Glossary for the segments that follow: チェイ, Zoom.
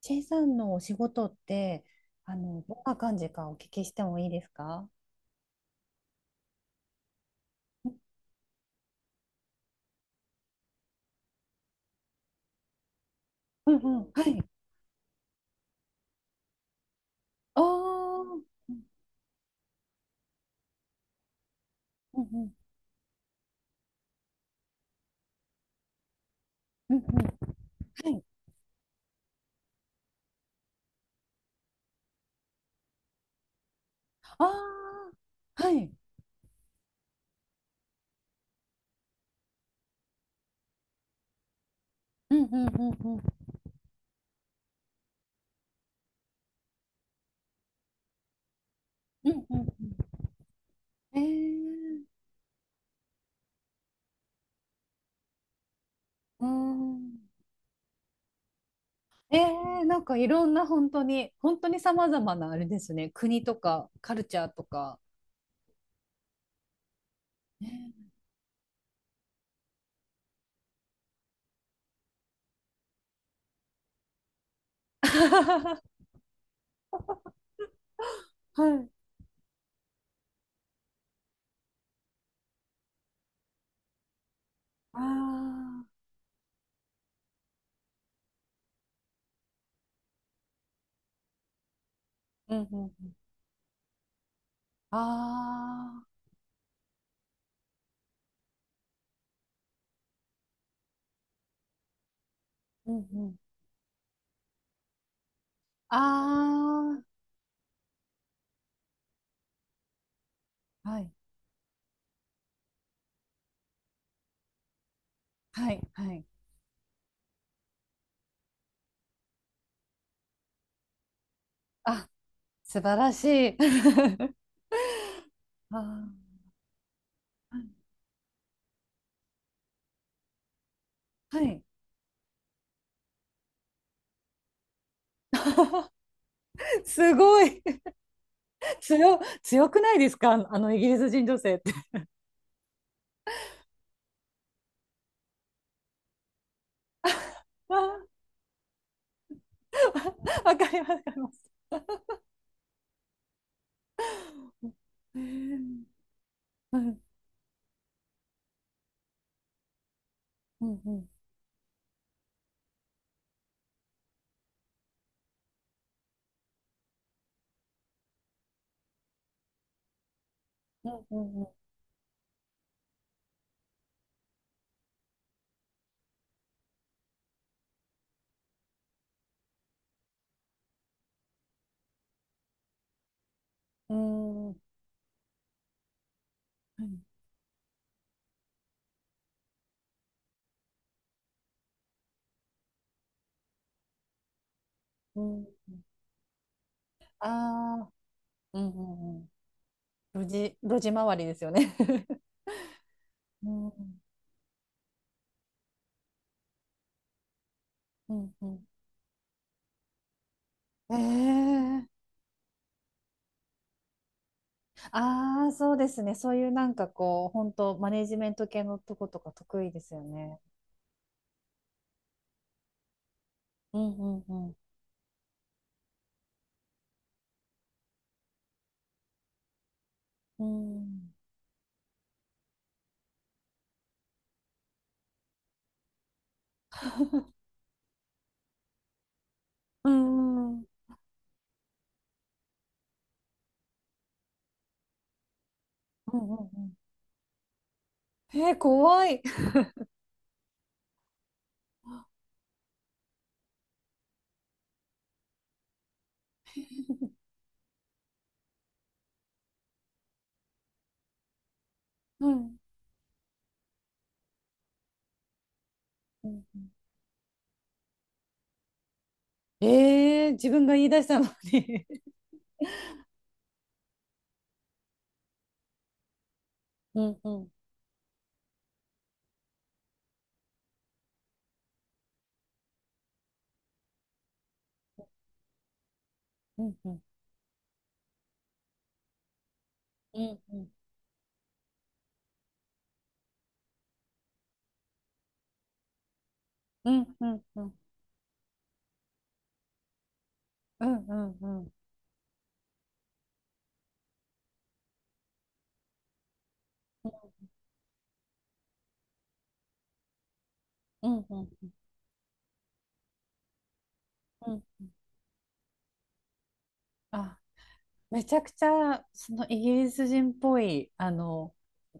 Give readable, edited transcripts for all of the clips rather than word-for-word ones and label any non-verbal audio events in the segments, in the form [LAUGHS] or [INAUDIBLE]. チェイさんのお仕事って、どんな感じかお聞きしてもいいですか？うんうん、はい。ああ、うんうんうんうんうん、はい。ああ、はい。うんうんうんうん、うんうんうん。うん。えなんかいろんな本当に、本当に様々なあれですね、国とかカルチャーとか。ね。 [LAUGHS] はい。ああ、うんうんうん。ああ、うんうん。ああ、はい。はい。はい。あ、素晴らしい。[LAUGHS] あー、はい。すごい。強くないですか、イギリス人女性って。あー。 [LAUGHS] わかります。わかります。うん。うん。うん。うん。うん。うん。うんうんうん、ああ、うんうんうん。路地周りですよね。[LAUGHS] うん。うん。うん。ええ、ああ、そうですね。そういうなんかこう、本当マネジメント系のとことか得意ですよね。うんうんうん。うん。うんうんうんうんうん。怖い。うんうんうん。自分が言い出したのに。うんうんうんうんうんうんうんうんうんうんうんうんうんうん。あ、めちゃくちゃそのイギリス人っぽい、あの、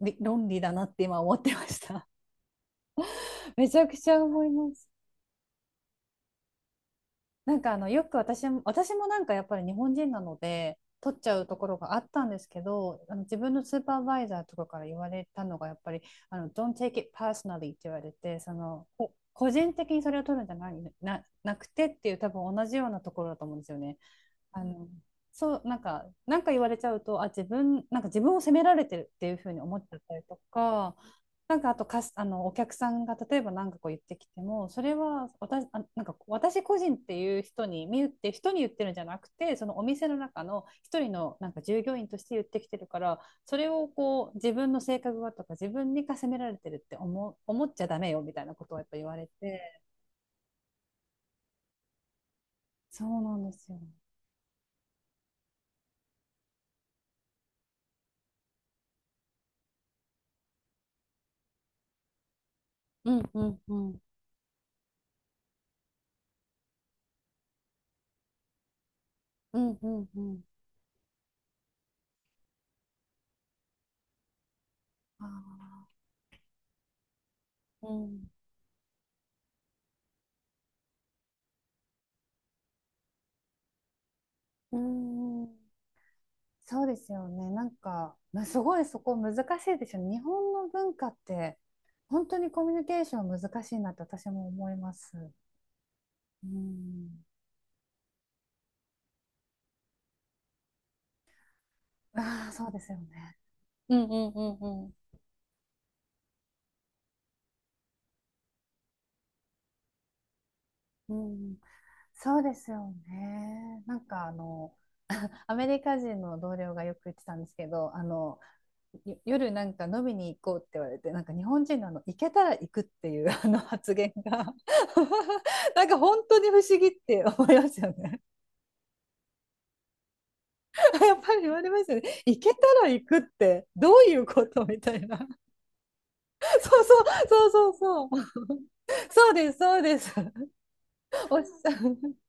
論理だなって今思ってました。[LAUGHS] めちゃくちゃ思います。なんかあのよく私も、なんかやっぱり日本人なので取っちゃうところがあったんですけど、あの、自分のスーパーバイザーとかから言われたのがやっぱり、あの、 Don't take it personally って言われて、その、個人的にそれを取るんじゃないな、なくてっていう、多分同じようなところだと思うんですよね。あの、そう、なんか言われちゃうと、あ、自分、なんか自分を責められてるっていうふうに思っちゃったりとか、なんかあと、かす、あの、お客さんが例えば何かこう言ってきても、それは私、あ、なんか私個人っていう人に、見ゆって人に言ってるんじゃなくて、そのお店の中の一人のなんか従業員として言ってきてるから、それをこう自分の性格がとか自分にか責められてるって思う、思っちゃダメよみたいなことをやっぱ言われて、そうなんですよ。うんうんうん。うんうんうん。あ、うん、うーん、そうですよね。なんか、まあ、すごいそこ難しいでしょ、日本の文化って。本当にコミュニケーション難しいなって私も思います。うん。ああ、そうですよね。うんうんうんうん。うん、そうですよね。なんかあの、アメリカ人の同僚がよく言ってたんですけど、あの、夜なんか飲みに行こうって言われて、なんか日本人のあの、行けたら行くっていう [LAUGHS] あの発言が [LAUGHS] なんか本当に不思議って思いますよね。 [LAUGHS]。やっぱり言われますよね。行けたら行くってどういうことみたいな。 [LAUGHS]。そうそう、そうそうそう。そうです、そうです。 [LAUGHS]。おっしゃる。 [LAUGHS]。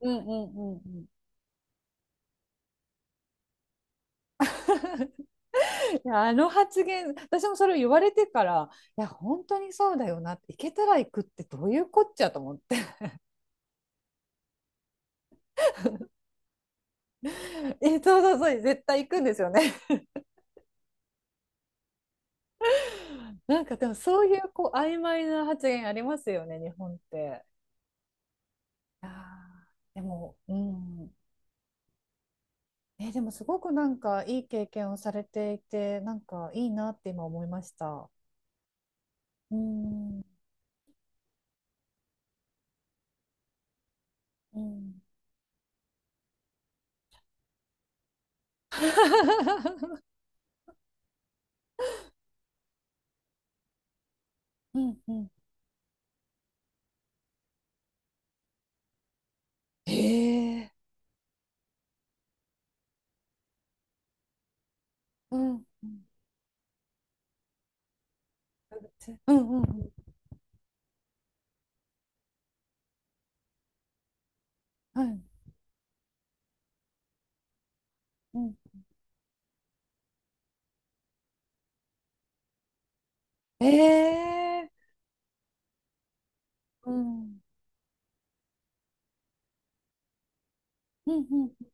うんうんうんうん。いや、あの発言私もそれを言われてから、いや本当にそうだよなって、行けたら行くってどういうこっちゃと思って。 [LAUGHS] え、そうそうそう、絶対行くんですよね。 [LAUGHS] なんかでもそういうこう曖昧な発言ありますよね、日本って。あー、でも、うん。え、でもすごくなんかいい経験をされていて、なんかいいなって今思いました。うんうん。 [LAUGHS] うんうん、へえ、うんうんうんうんうん、はい、うん、ええ、うん。うんうん。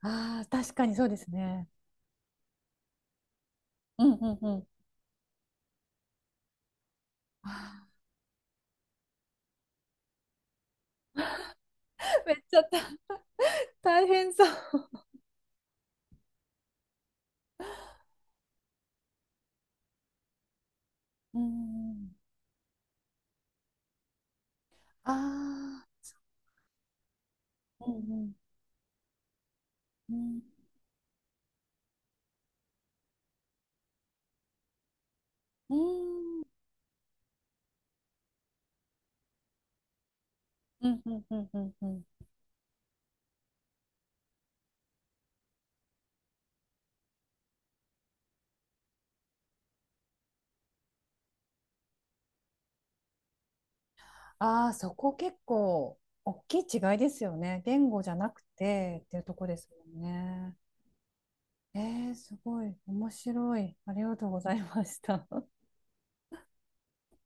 ああ、確かにそうですね。うんうんうん。あー、めっちゃ大変そう。うん、ああー、うんうんうん。うん。うんうんうんうんうん。ああ、そこ結構大きい違いですよね。言語じゃなくてっていうとこですもんね。えすごい面白い。ありがとうございました。